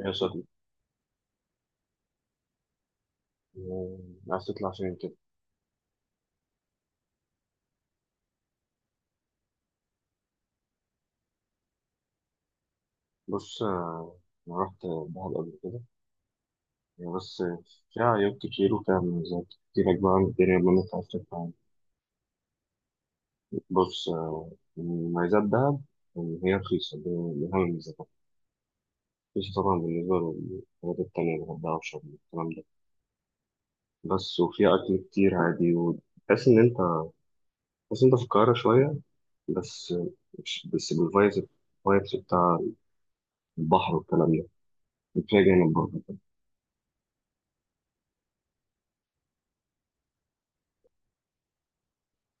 يا صديقي، آه، عايز تطلع فين كده؟ بص، أنا رحت دهب قبل كده يعني. بس فيها عيوب كتير وفيها مميزات كتير أجمع عن الدنيا ما أنت عايز تطلع عنها. بص، مميزات دهب إن هي رخيصة، دي من أهم المميزات. رخيصة طبعا بالنسبة للحاجات التانية الغردقة وشرم والكلام ده. بس وفيها أكل كتير عادي وتحس إن أنت تحس إن أنت في القاهرة شوية، بس مش بس بالفايبس، الفايبس بتاع البحر والكلام ده، فيها جانب برضه.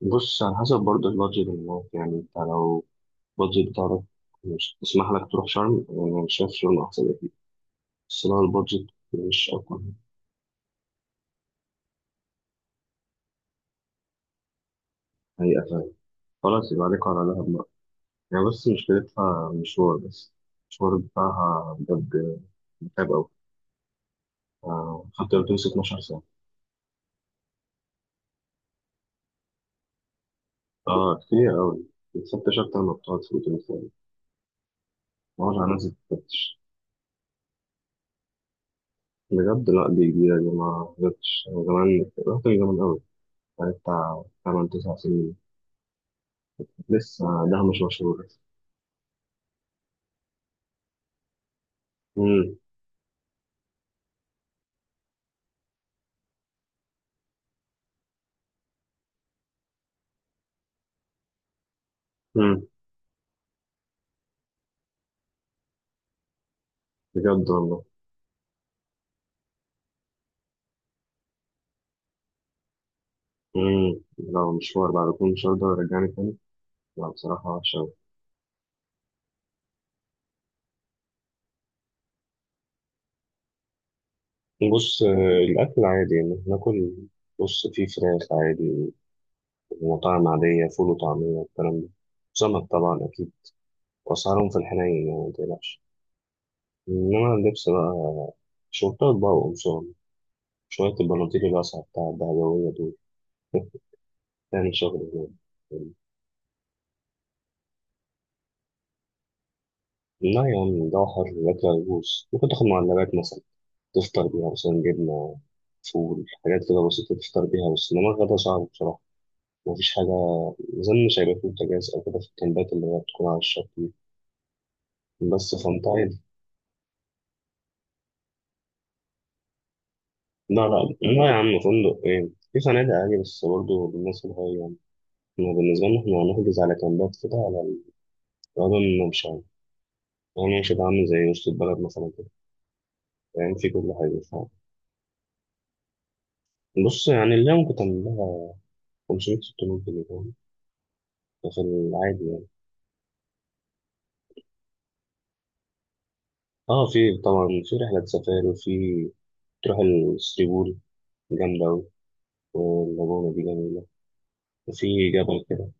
بص على حسب برضه البادجت اللي معاك، يعني انت لو البادجت بتاعك مش تسمح لك تروح شرم، انا شايف شرم احسن اكيد. بس لو البادجت مش اقوى، هي اتعب، خلاص يبقى عليك على دهب بقى. يعني بس مشكلتها مشوار، بس المشوار بتاعها بجد متعب أوي، حتى لو بتمسك 12 ساعة. اه كتير أوي، بتفتش أكتر ما بتقعد في الأوتيل فعلا. معرفش، على ناس بتفتش بجد. لأ دي جديدة دي ما جبتش، أنا زمان رحت من زمان أوي، بقالي بتاع 8 9 سنين لسه، ده مش مشهور. امم امم. بجد والله. امم، لو مشوار بعد كل مشوار ده ورجعني تاني، لا بصراحة وحشة أوي. بص، الأكل عادي يعني ناكل. بص في فراخ عادي ومطاعم عادية، فول وطعمية والكلام ده، سمك طبعا أكيد. وأسعارهم في الحنين يعني متقلقش. إنما اللبس بقى، شورتات بقى وقمصان، شوية البناطيل الواسعة بتاع الدهبوية دول. تعمل شغل هناك. لا يا عم، ده حر الأكل هيبوظ. ممكن تاخد معلبات مثلا، تفطر بيها مثلا، جبنة، فول، حاجات كده بسيطة تفطر بيها. بس إنما الغدا صعب بصراحة، مفيش حاجة زي، مش هيبقى فيه بوتاجاز أو كده في الكامبات اللي هي بتكون على الشط دي. بس فأنت عادي. لا يا عم، فندق إيه! في فنادق عادي، بس برضه بالناس الهاي يعني. إحنا بالنسبة لنا هنحجز على كامبات كده، على الغدا والممشى يعني. يعني مش هيبقى عامل زي وسط البلد مثلا كده، يعني في كل حاجة، فاهم. بص يعني اللي ممكن تعمل لها 500 600 جنيه، فاهم، ده في العادي يعني. اه في طبعا في رحلة سفاري، وفي تروح الثري بول، جامدة أوي، واللاجونة دي جميلة، وفي جبل كده.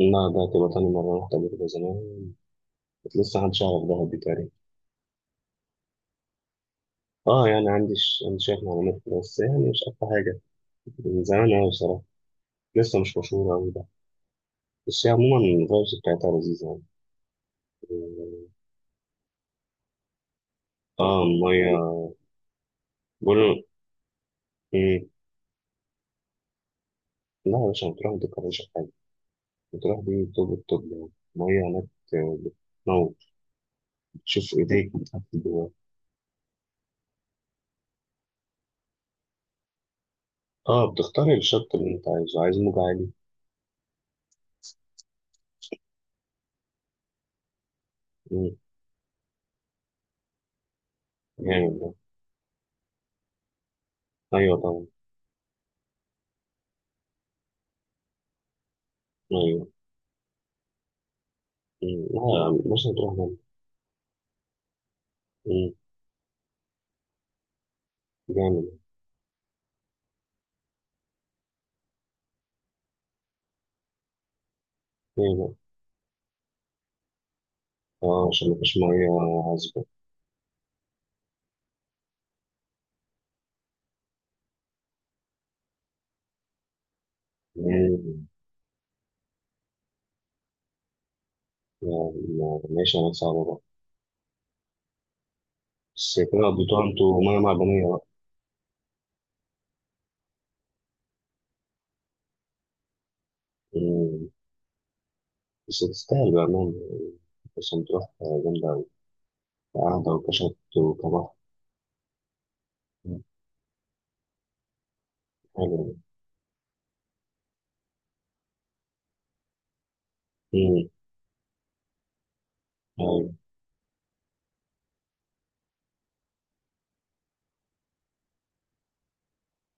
النهر ده، تبقى تاني مرة، رحت قبل كده زمان، كنت لسه محدش يعرف دهب دي تقريبا. اه يعني عندي عندي شوية معلومات كده، بس يعني مش أكتر حاجة، من زمان أوي بصراحة، لسه مش مشهورة أوي ده. بس هي عموما الفايبس بتاعتها لذيذة يعني. اه المية بقولوا إيه؟ لا يا باشا، بتروح ما تتكررش في حاجة، بتروح دي توب التوب يعني. المية هناك بتموت، شوف ايديك بتاعت جوه. اه بتختار الشط اللي انت عايزه، عايز موج عالي. مم، جامد ده. ايوه طبعا. ايوه. مم، لا مش هتروح ده. مم، جامد ده. ايه بقى؟ اه عشان مفيش ميه عذبه. مم، لا، لا، ماشي، انا صعبه بقى. بس كده قضيتوها انتوا ميه معدنيه بقى. مم، بس تستاهل بقى. مم، بس هتروح، جامدة أوي، قعدة وكشط وكبحر. مم. حلو ده. مم، أيوة.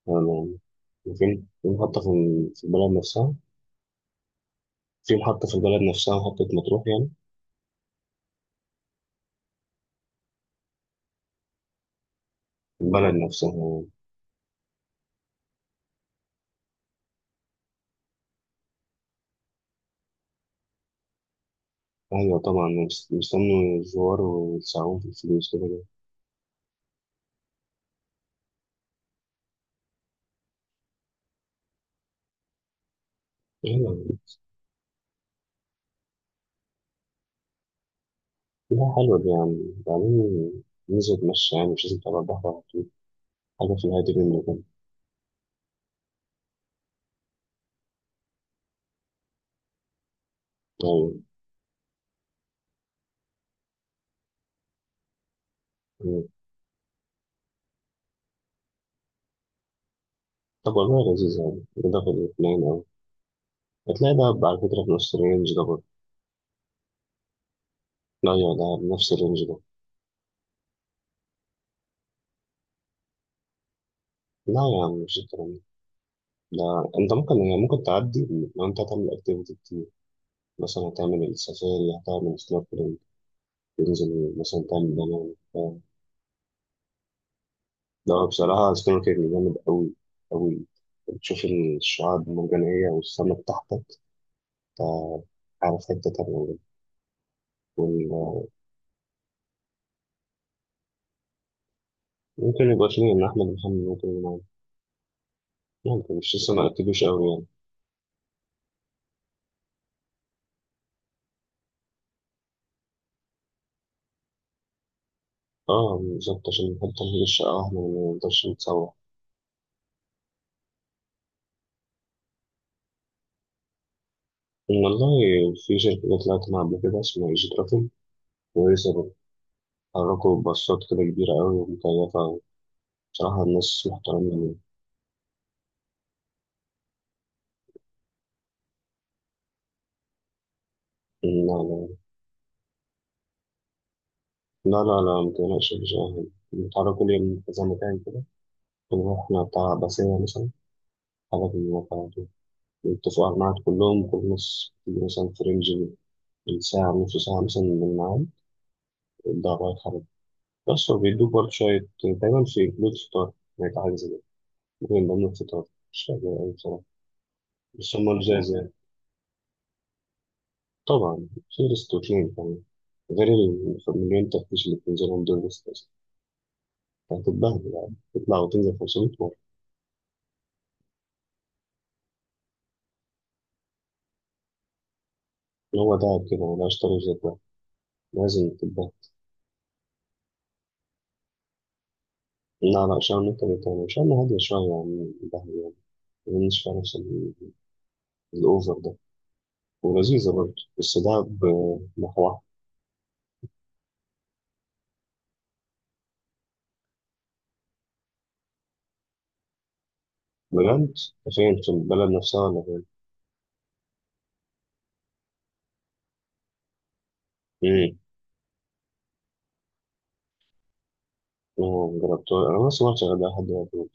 تمام. وفين فين حتى، في في البلد نفسها؟ في محطة، في البلد نفسها، محطة مطروح يعني؟ في البلد نفسها يعني. أيوة طبعا، مستني الزوار ويدفعوهم في الفلوس كده كده. أيوة. لا حلوة دي، يعني بعدين ننزل نتمشى، يعني مش لازم تبقى البحر على طول، حاجة في الهادي منه كده. أيوة. أيوة. طب والله لذيذ، يعني ده في الاثنين أوي. هتلاقي دهب على فكرة في نفس الرينج ده برضه. لا يا دهب، نفس الرينج ده. لا يا عم مش الكلام ده، لا انت ممكن يعني ممكن تعدي، لو انت هتعمل اكتيفيتي كتير، مثلا هتعمل السفاري، هتعمل سنوركلينج، تنزل مثلا تعمل دايفنج بتاع. لا بصراحة سنوركلينج جامد أوي أوي، بتشوف الشعاب المرجانية والسمك تحتك، أنت عارف حتة تانية بجد. وال- ممكن يبقى فيه، إن أحمد محمد ممكن يلعب، ممكن، مش لسه ما أكدوش أوي يعني. اه بالظبط، عشان نحط تمهيد الشقة واحنا ما نقدرش نتسوح. إن والله في شركة جت طلعت معاها قبل كده اسمها إيجي ترافل، كويسة برضه، حركوا باصات كده كبيرة أوي ومكيفة أوي. بصراحة الناس محترمين يعني. لا لا لا لا، متقلقش، مش أهم. نتعرف كل يوم في كذا مكان كده، ونروحنا بتاع باسية مثلا، حاجة في الموقع دي، نتفق على الميعاد كلهم، كل نص مثلا في رينج الساعة، نص ساعة مثلا من الميعاد ده، رايح حاجة. بس هو بيدوك برضه شوية، دايما في جلود فطار، يعني حاجة زي كده، ممكن من ضمن الفطار، مش فاكر أوي بصراحة، بس هما لزاز يعني. طبعا في ريستوتين كمان، غير المليون تفتيش اللي بتنزلهم دول. بس هتتبهدل، يعني تطلع وتنزل 500. هو تعب كده ولا اشتري في ده، لازم تبقى. لا لا، شعر نكتة تاني، شعر هادية شوية يعني ده، يعني مش فيها نفس الأوفر ده، ولذيذة برضه بس ده بمحوها. بجد؟ فين، في البلد نفسها ولا فين؟ امم. أنا مجربتها، أنا ما سمعتش غير ده لحد دلوقتي،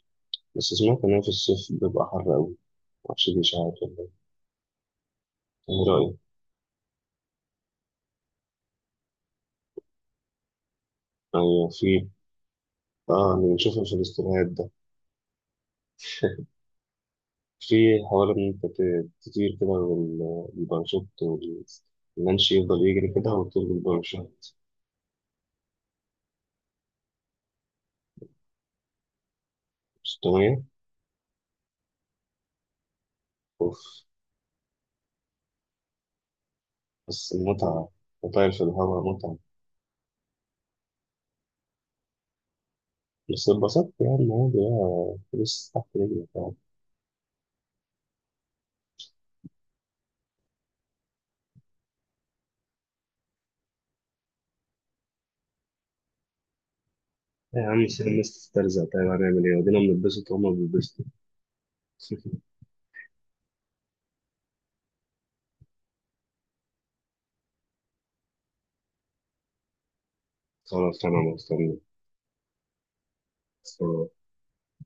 بس سمعت إن هي في الصيف بيبقى حر أوي، معرفش دي إشاعات ولا إيه. إيه رأيك؟ أيوة في. آه اللي بنشوفه في الاستوريات ده، في حوار إن أنت تطير كده والباراشوت واللانش يفضل يجري كده وتطير بالباراشوت. مش طبيعي. أوف. بس المتعة، وطاير في الهواء متعة. بس اتبسطت يعني عادي بقى، فلوس تحت رجلك يعني. إيه يا عم، سيب الناس تسترزق، طيب هنعمل إيه؟ ودينا بنتبسط وهما بيتبسطوا. خلاص أنا مستني.